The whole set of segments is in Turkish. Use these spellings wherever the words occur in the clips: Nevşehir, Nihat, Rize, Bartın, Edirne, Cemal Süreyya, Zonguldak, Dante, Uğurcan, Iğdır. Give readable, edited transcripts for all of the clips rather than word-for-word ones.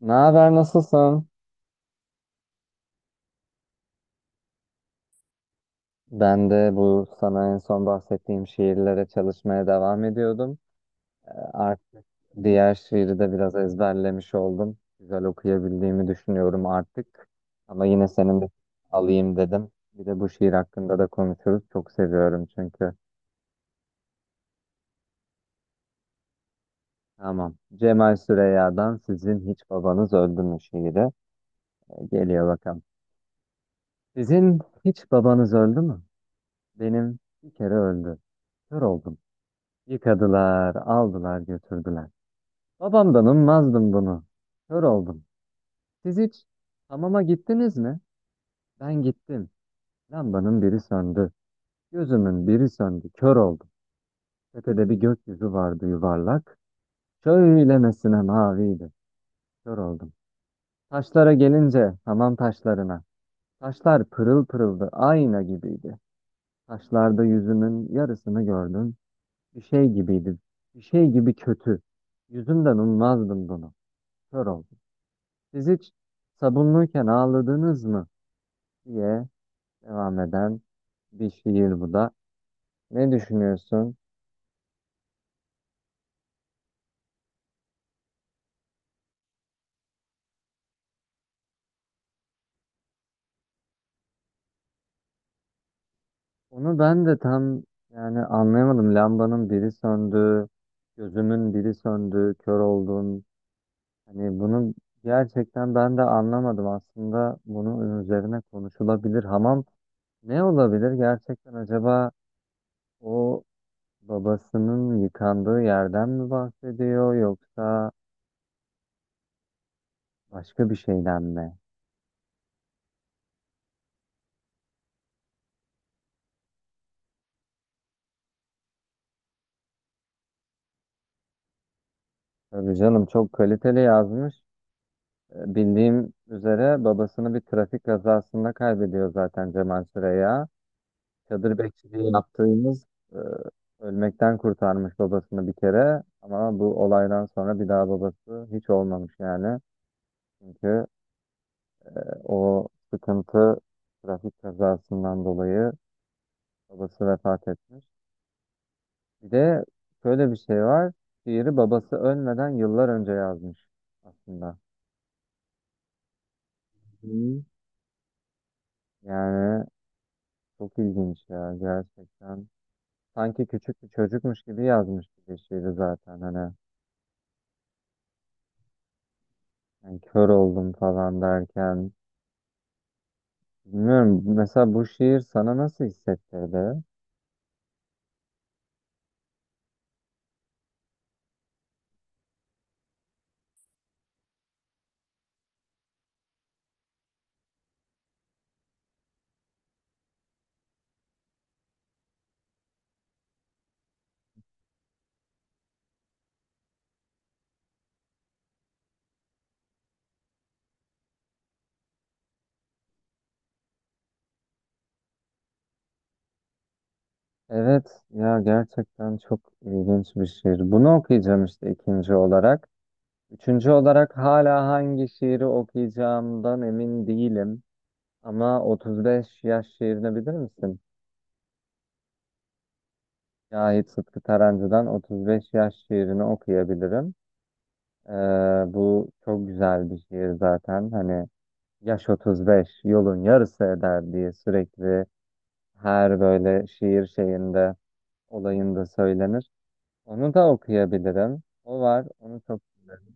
Ne haber, nasılsın? Ben de bu sana en son bahsettiğim şiirlere çalışmaya devam ediyordum. Artık diğer şiiri de biraz ezberlemiş oldum. Güzel okuyabildiğimi düşünüyorum artık. Ama yine senin de alayım dedim. Bir de bu şiir hakkında da konuşuruz. Çok seviyorum çünkü. Tamam. Cemal Süreyya'dan Sizin Hiç Babanız Öldü mü şiiri. Geliyor bakalım. Sizin hiç babanız öldü mü? Benim bir kere öldü. Kör oldum. Yıkadılar, aldılar, götürdüler. Babamdan ummazdım bunu. Kör oldum. Siz hiç hamama gittiniz mi? Ben gittim. Lambanın biri söndü. Gözümün biri söndü. Kör oldum. Tepede bir gökyüzü vardı yuvarlak. Şöylemesine maviydi. Kör oldum. Taşlara gelince hamam taşlarına. Taşlar pırıl pırıldı. Ayna gibiydi. Taşlarda yüzümün yarısını gördüm. Bir şey gibiydi. Bir şey gibi kötü. Yüzümden ummazdım bunu. Kör oldum. Siz hiç sabunluyken ağladınız mı diye devam eden bir şiir bu da. Ne düşünüyorsun? Onu ben de tam yani anlayamadım. Lambanın biri söndü, gözümün biri söndü, kör oldum. Hani bunu gerçekten ben de anlamadım. Aslında bunun üzerine konuşulabilir. Hamam ne olabilir? Gerçekten acaba o babasının yıkandığı yerden mi bahsediyor yoksa başka bir şeyden mi? Tabii canım çok kaliteli yazmış. Bildiğim üzere babasını bir trafik kazasında kaybediyor zaten Cemal Süreya. Çadır bekçiliği yaptığımız e, ölmekten kurtarmış babasını bir kere ama bu olaydan sonra bir daha babası hiç olmamış yani. Çünkü o sıkıntı trafik kazasından dolayı babası vefat etmiş. Bir de şöyle bir şey var. Şiiri babası ölmeden yıllar önce yazmış aslında. Hı. Yani çok ilginç ya gerçekten. Sanki küçük bir çocukmuş gibi yazmış bir şiiri zaten hani. Yani kör oldum falan derken. Bilmiyorum, mesela bu şiir sana nasıl hissettirdi? Evet ya, gerçekten çok ilginç bir şiir. Bunu okuyacağım işte ikinci olarak. Üçüncü olarak hala hangi şiiri okuyacağımdan emin değilim. Ama 35 yaş şiirini bilir misin? Şahit Sıtkı Tarancı'dan 35 yaş şiirini okuyabilirim. Ee, bu çok güzel bir şiir zaten. Hani yaş 35 yolun yarısı eder diye sürekli her böyle şiir şeyinde olayında söylenir. Onu da okuyabilirim. O var. Onu çok severim.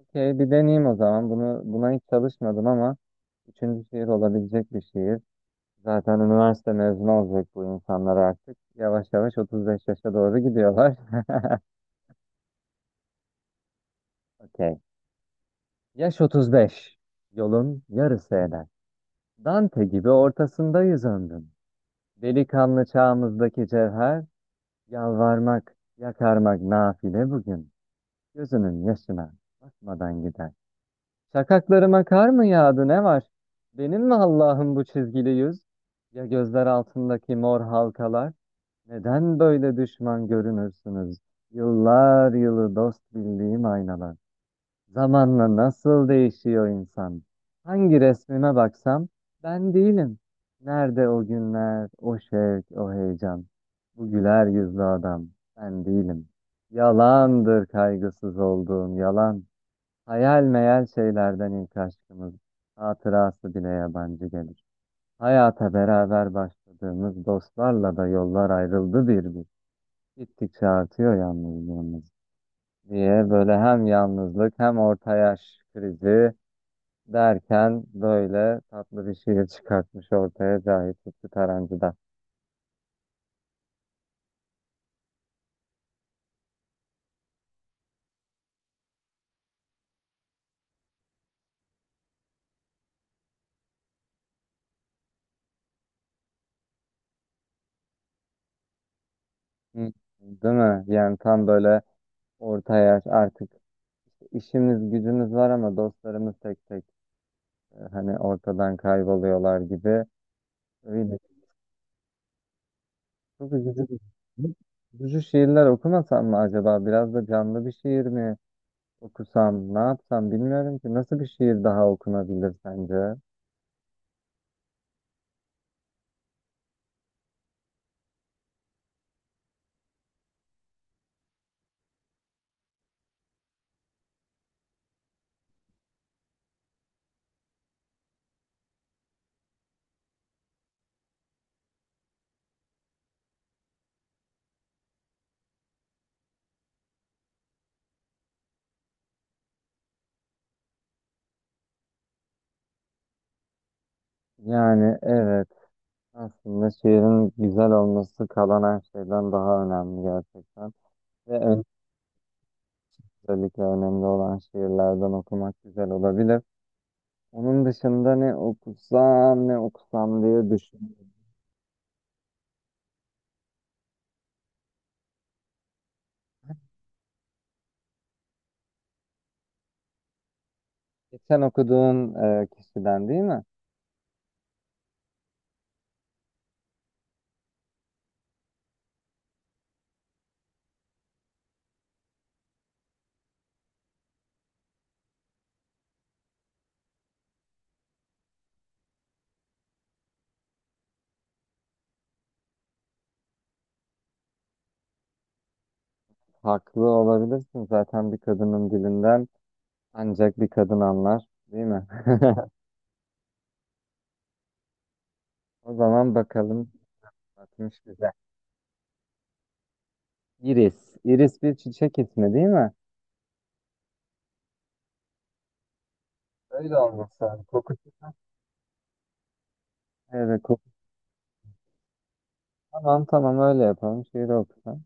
Okey, bir deneyeyim o zaman. Buna hiç çalışmadım ama üçüncü şiir olabilecek bir şiir. Zaten üniversite mezunu olacak bu insanlar artık. Yavaş yavaş 35 yaşa doğru gidiyorlar. Okey. Yaş 35 yolun yarısı eder. Dante gibi ortasında yüzündüm. Delikanlı çağımızdaki cevher, yalvarmak, yakarmak nafile bugün. Gözünün yaşına bakmadan gider. Şakaklarıma kar mı yağdı ne var? Benim mi Allah'ım bu çizgili yüz? Ya gözler altındaki mor halkalar? Neden böyle düşman görünürsünüz? Yıllar yılı dost bildiğim aynalar. Zamanla nasıl değişiyor insan? Hangi resmime baksam ben değilim. Nerede o günler, o şevk, o heyecan? Bu güler yüzlü adam ben değilim. Yalandır kaygısız olduğum yalan. Hayal meyal şeylerden ilk aşkımız. Hatırası bile yabancı gelir. Hayata beraber başladığımız dostlarla da yollar ayrıldı bir bir. Gittikçe artıyor yalnızlığımız diye böyle hem yalnızlık hem orta yaş krizi derken böyle tatlı bir şiir çıkartmış ortaya Cahit Lütfü Tarancı'da. Hı. Değil mi? Yani tam böyle orta yaş artık, işimiz gücümüz var ama dostlarımız tek tek hani ortadan kayboluyorlar gibi. Öyle. Çok üzücü. Bir- Hı? Üzücü şiirler okumasam mı acaba? Biraz da canlı bir şiir mi okusam? Ne yapsam bilmiyorum ki. Nasıl bir şiir daha okunabilir sence? Yani evet. Aslında şiirin güzel olması kalan her şeyden daha önemli gerçekten. Ve ön- özellikle önemli olan şiirlerden okumak güzel olabilir. Onun dışında ne okusam ne okusam diye düşünüyorum. Geçen okuduğun kişiden değil mi? Haklı olabilirsin, zaten bir kadının dilinden ancak bir kadın anlar değil mi? O zaman bakalım. Bakmış bize. Iris. Iris bir çiçek ismi değil mi? Öyle olması lazım. Kokusu Evet. Tamam tamam, öyle yapalım. Şiiri okusan.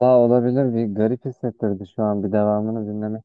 Daha olabilir, bir garip hissettirdi şu an bir devamını dinlemek.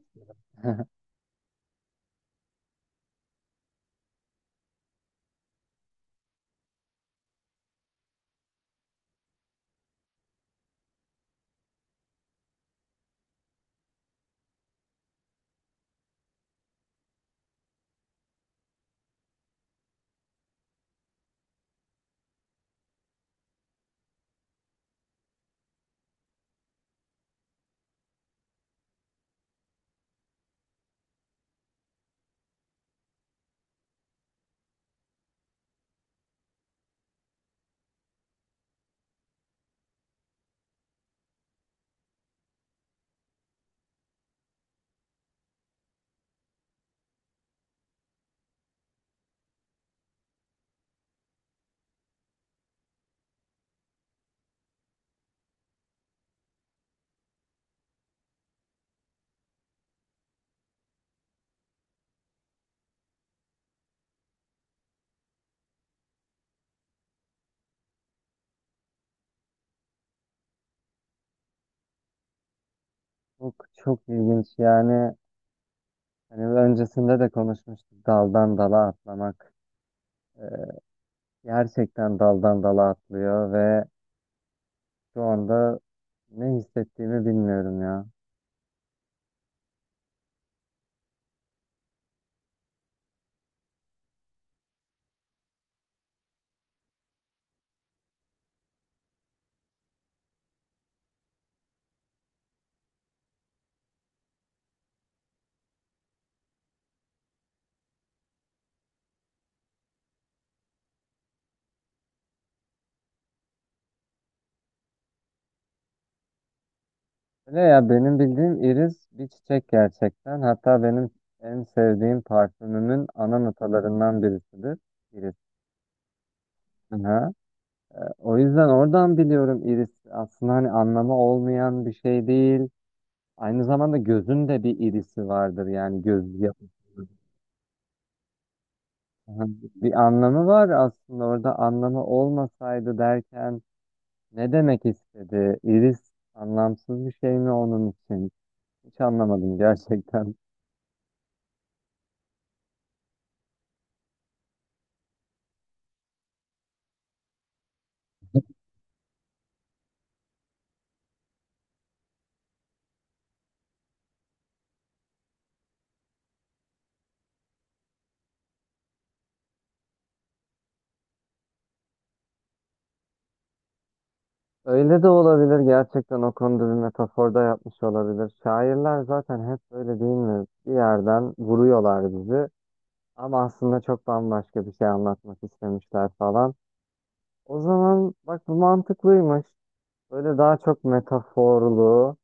Çok çok ilginç yani. Hani öncesinde de konuşmuştuk daldan dala atlamak. Ee, gerçekten daldan dala atlıyor ve şu anda ne hissettiğimi bilmiyorum ya. Öyle ya, benim bildiğim iris bir çiçek gerçekten. Hatta benim en sevdiğim parfümümün ana notalarından birisidir. İris. Aha. O yüzden oradan biliyorum, iris aslında hani anlamı olmayan bir şey değil. Aynı zamanda gözün de bir irisi vardır yani, göz yapısı. Aha, bir anlamı var aslında. Orada anlamı olmasaydı derken ne demek istedi? İris anlamsız bir şey mi onun için? Hiç anlamadım gerçekten. Öyle de olabilir, gerçekten o konuda bir metaforda yapmış olabilir. Şairler zaten hep böyle değil mi? Bir yerden vuruyorlar bizi. Ama aslında çok bambaşka bir şey anlatmak istemişler falan. O zaman bak, bu mantıklıymış. Böyle daha çok metaforlu,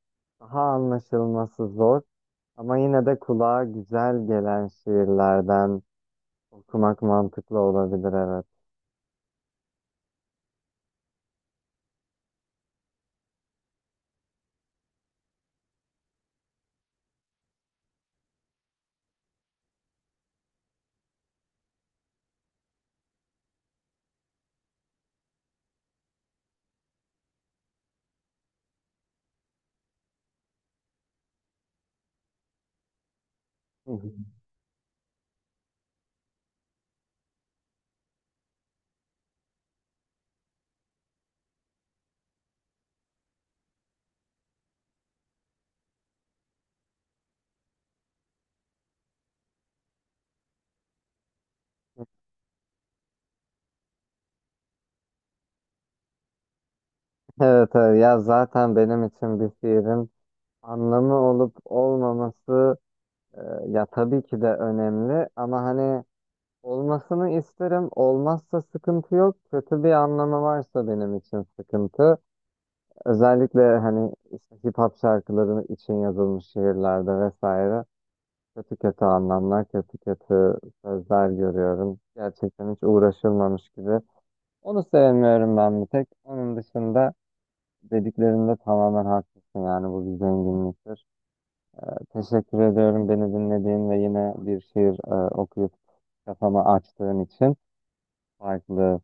daha anlaşılması zor ama yine de kulağa güzel gelen şiirlerden okumak mantıklı olabilir, evet. Hı hı. Evet, evet ya, zaten benim için bir şiirin anlamı olup olmaması e, ya tabii ki de önemli ama hani olmasını isterim. Olmazsa sıkıntı yok. Kötü bir anlamı varsa benim için sıkıntı. Özellikle hani işte hip hop şarkıları için yazılmış şiirlerde vesaire kötü kötü anlamlar, kötü kötü sözler görüyorum. Gerçekten hiç uğraşılmamış gibi. Onu sevmiyorum ben bir tek. Onun dışında dediklerinde tamamen haklısın, yani bu bir zenginliktir. Teşekkür ediyorum beni dinlediğin ve yine bir şiir okuyup kafamı açtığın için. Farklı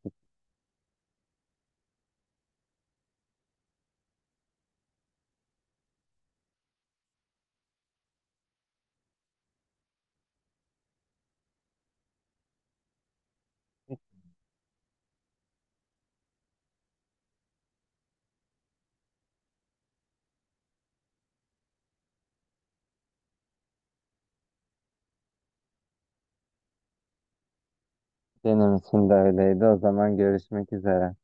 benim için de öyleydi. O zaman görüşmek üzere.